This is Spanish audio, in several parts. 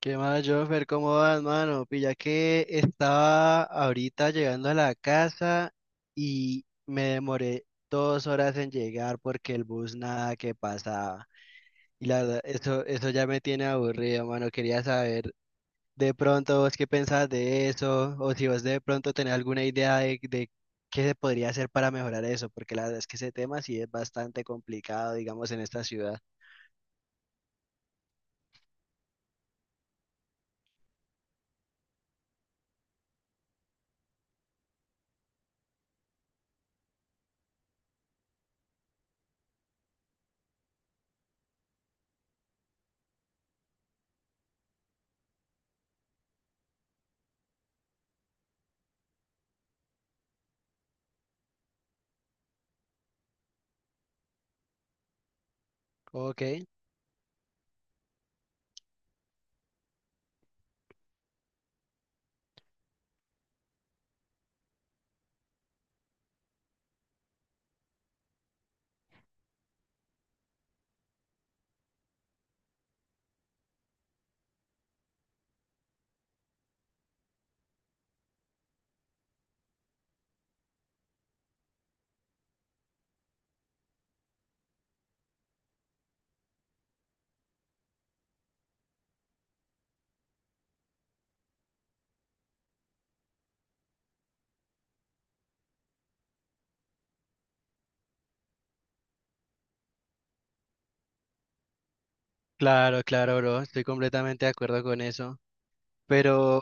¿Qué más, Joffer? ¿Cómo vas, mano? Pilla que estaba ahorita llegando a la casa y me demoré 2 horas en llegar porque el bus nada que pasaba. Y la verdad, eso ya me tiene aburrido, mano. Quería saber de pronto vos qué pensás de eso o si vos de pronto tenés alguna idea de qué se podría hacer para mejorar eso, porque la verdad es que ese tema sí es bastante complicado, digamos, en esta ciudad. Ok, claro, claro, bro. Estoy completamente de acuerdo con eso. Pero,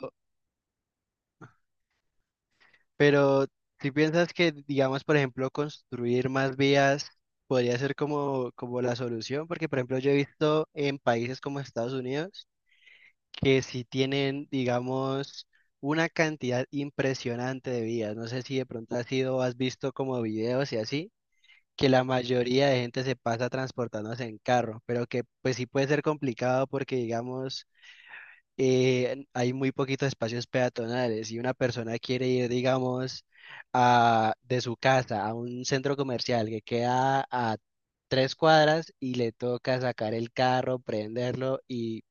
pero, si piensas que, digamos, por ejemplo, construir más vías podría ser como, ¿como la solución? Porque, por ejemplo, yo he visto en países como Estados Unidos que sí tienen, digamos, una cantidad impresionante de vías. No sé si de pronto has ido, has visto como videos y así, que la mayoría de gente se pasa transportándose en carro, pero que pues sí puede ser complicado porque, digamos, hay muy poquitos espacios peatonales y una persona quiere ir, digamos, a, de su casa a un centro comercial que queda a 3 cuadras y le toca sacar el carro, prenderlo y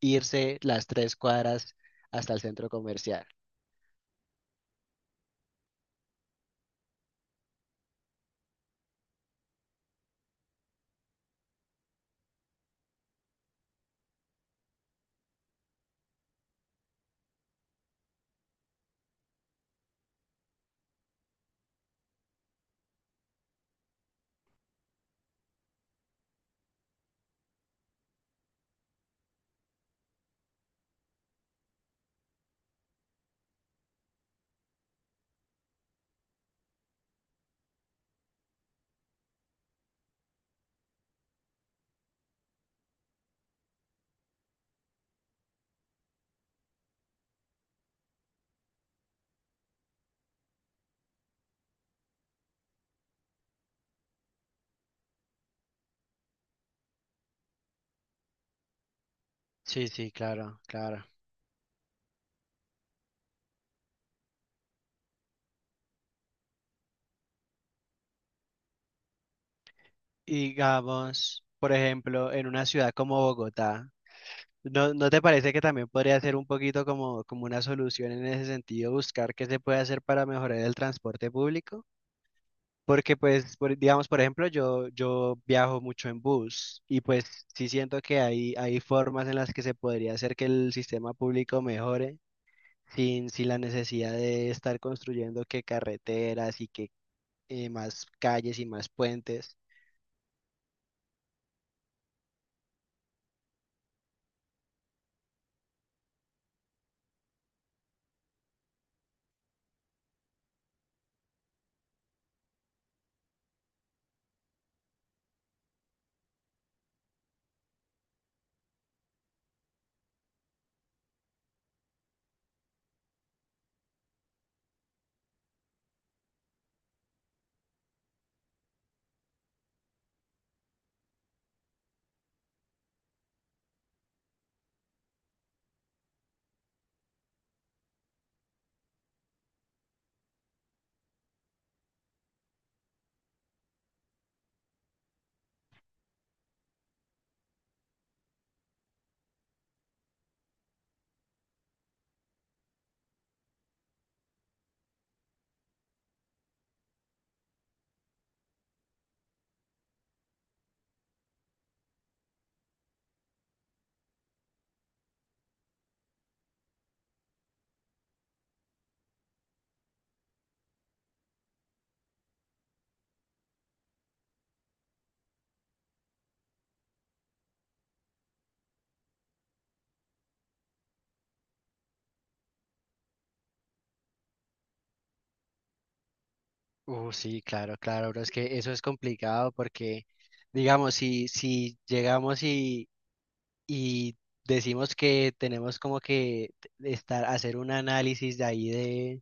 irse las 3 cuadras hasta el centro comercial. Sí, sí, claro, claro. Y digamos, por ejemplo, en una ciudad como Bogotá, ¿no te parece que también podría ser un poquito como, como una solución en ese sentido, buscar qué se puede hacer para mejorar el transporte público? Porque pues, digamos, por ejemplo, yo viajo mucho en bus y pues sí siento que hay formas en las que se podría hacer que el sistema público mejore sin la necesidad de estar construyendo que carreteras y que más calles y más puentes. Sí, claro, claro, pero es que eso es complicado porque, digamos, si llegamos y decimos que tenemos como que estar, hacer un análisis de ahí de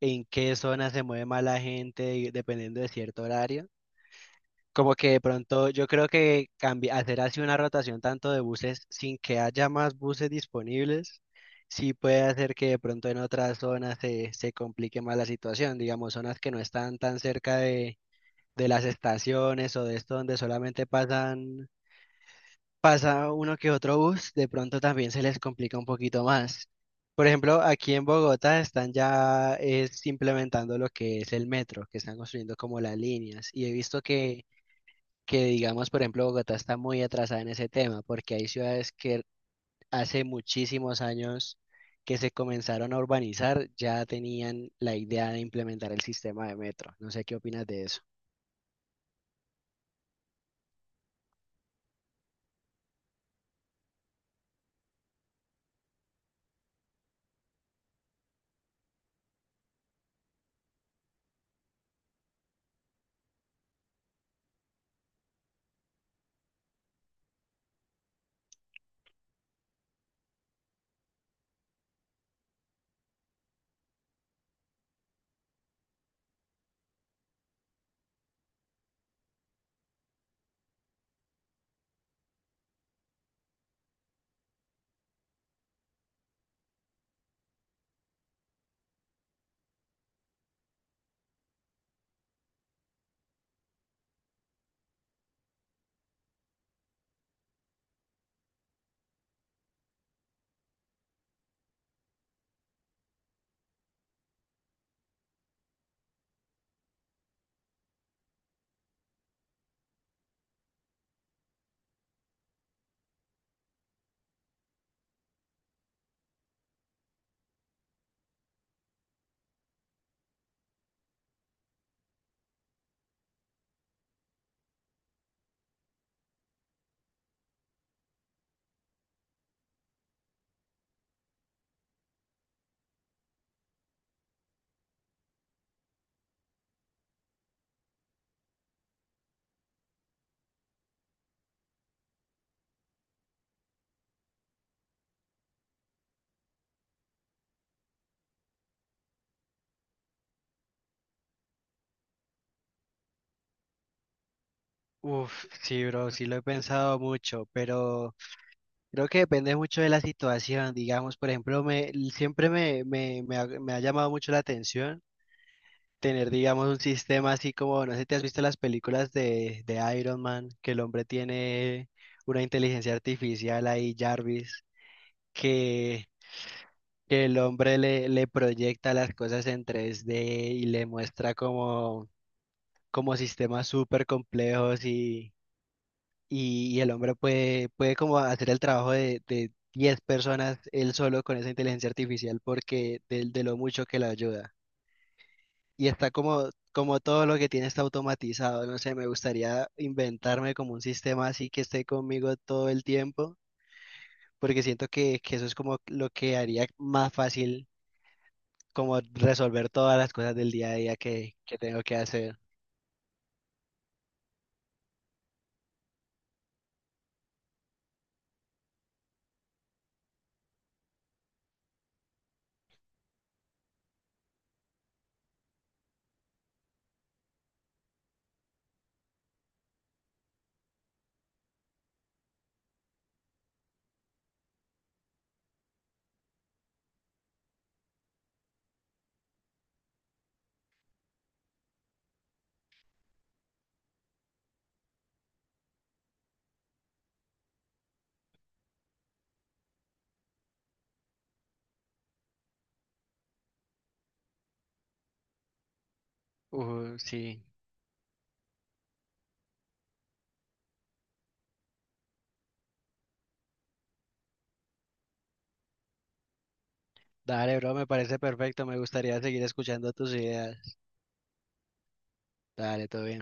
en qué zona se mueve más la gente y dependiendo de cierto horario. Como que de pronto yo creo que hacer así una rotación tanto de buses sin que haya más buses disponibles, sí puede hacer que de pronto en otras zonas se complique más la situación, digamos, zonas que no están tan cerca de las estaciones o de esto donde solamente pasa uno que otro bus, de pronto también se les complica un poquito más. Por ejemplo, aquí en Bogotá implementando lo que es el metro, que están construyendo como las líneas. Y he visto que, digamos, por ejemplo, Bogotá está muy atrasada en ese tema, porque hay ciudades que hace muchísimos años que se comenzaron a urbanizar, ya tenían la idea de implementar el sistema de metro. No sé qué opinas de eso. Uf, sí, bro, sí lo he pensado mucho, pero... Creo que depende mucho de la situación, digamos, por ejemplo, siempre me ha llamado mucho la atención tener, digamos, un sistema así como, no sé, ¿si te has visto las películas de Iron Man? Que el hombre tiene una inteligencia artificial ahí, Jarvis, que, que el hombre le proyecta las cosas en 3D y le muestra como, como sistemas súper complejos y el hombre puede como hacer el trabajo de 10 personas él solo con esa inteligencia artificial porque de lo mucho que la ayuda. Y está como, como todo lo que tiene está automatizado, no sé, me gustaría inventarme como un sistema así que esté conmigo todo el tiempo, porque siento que eso es como lo que haría más fácil como resolver todas las cosas del día a día que tengo que hacer. Sí. Dale, bro, me parece perfecto. Me gustaría seguir escuchando tus ideas. Dale, todo bien.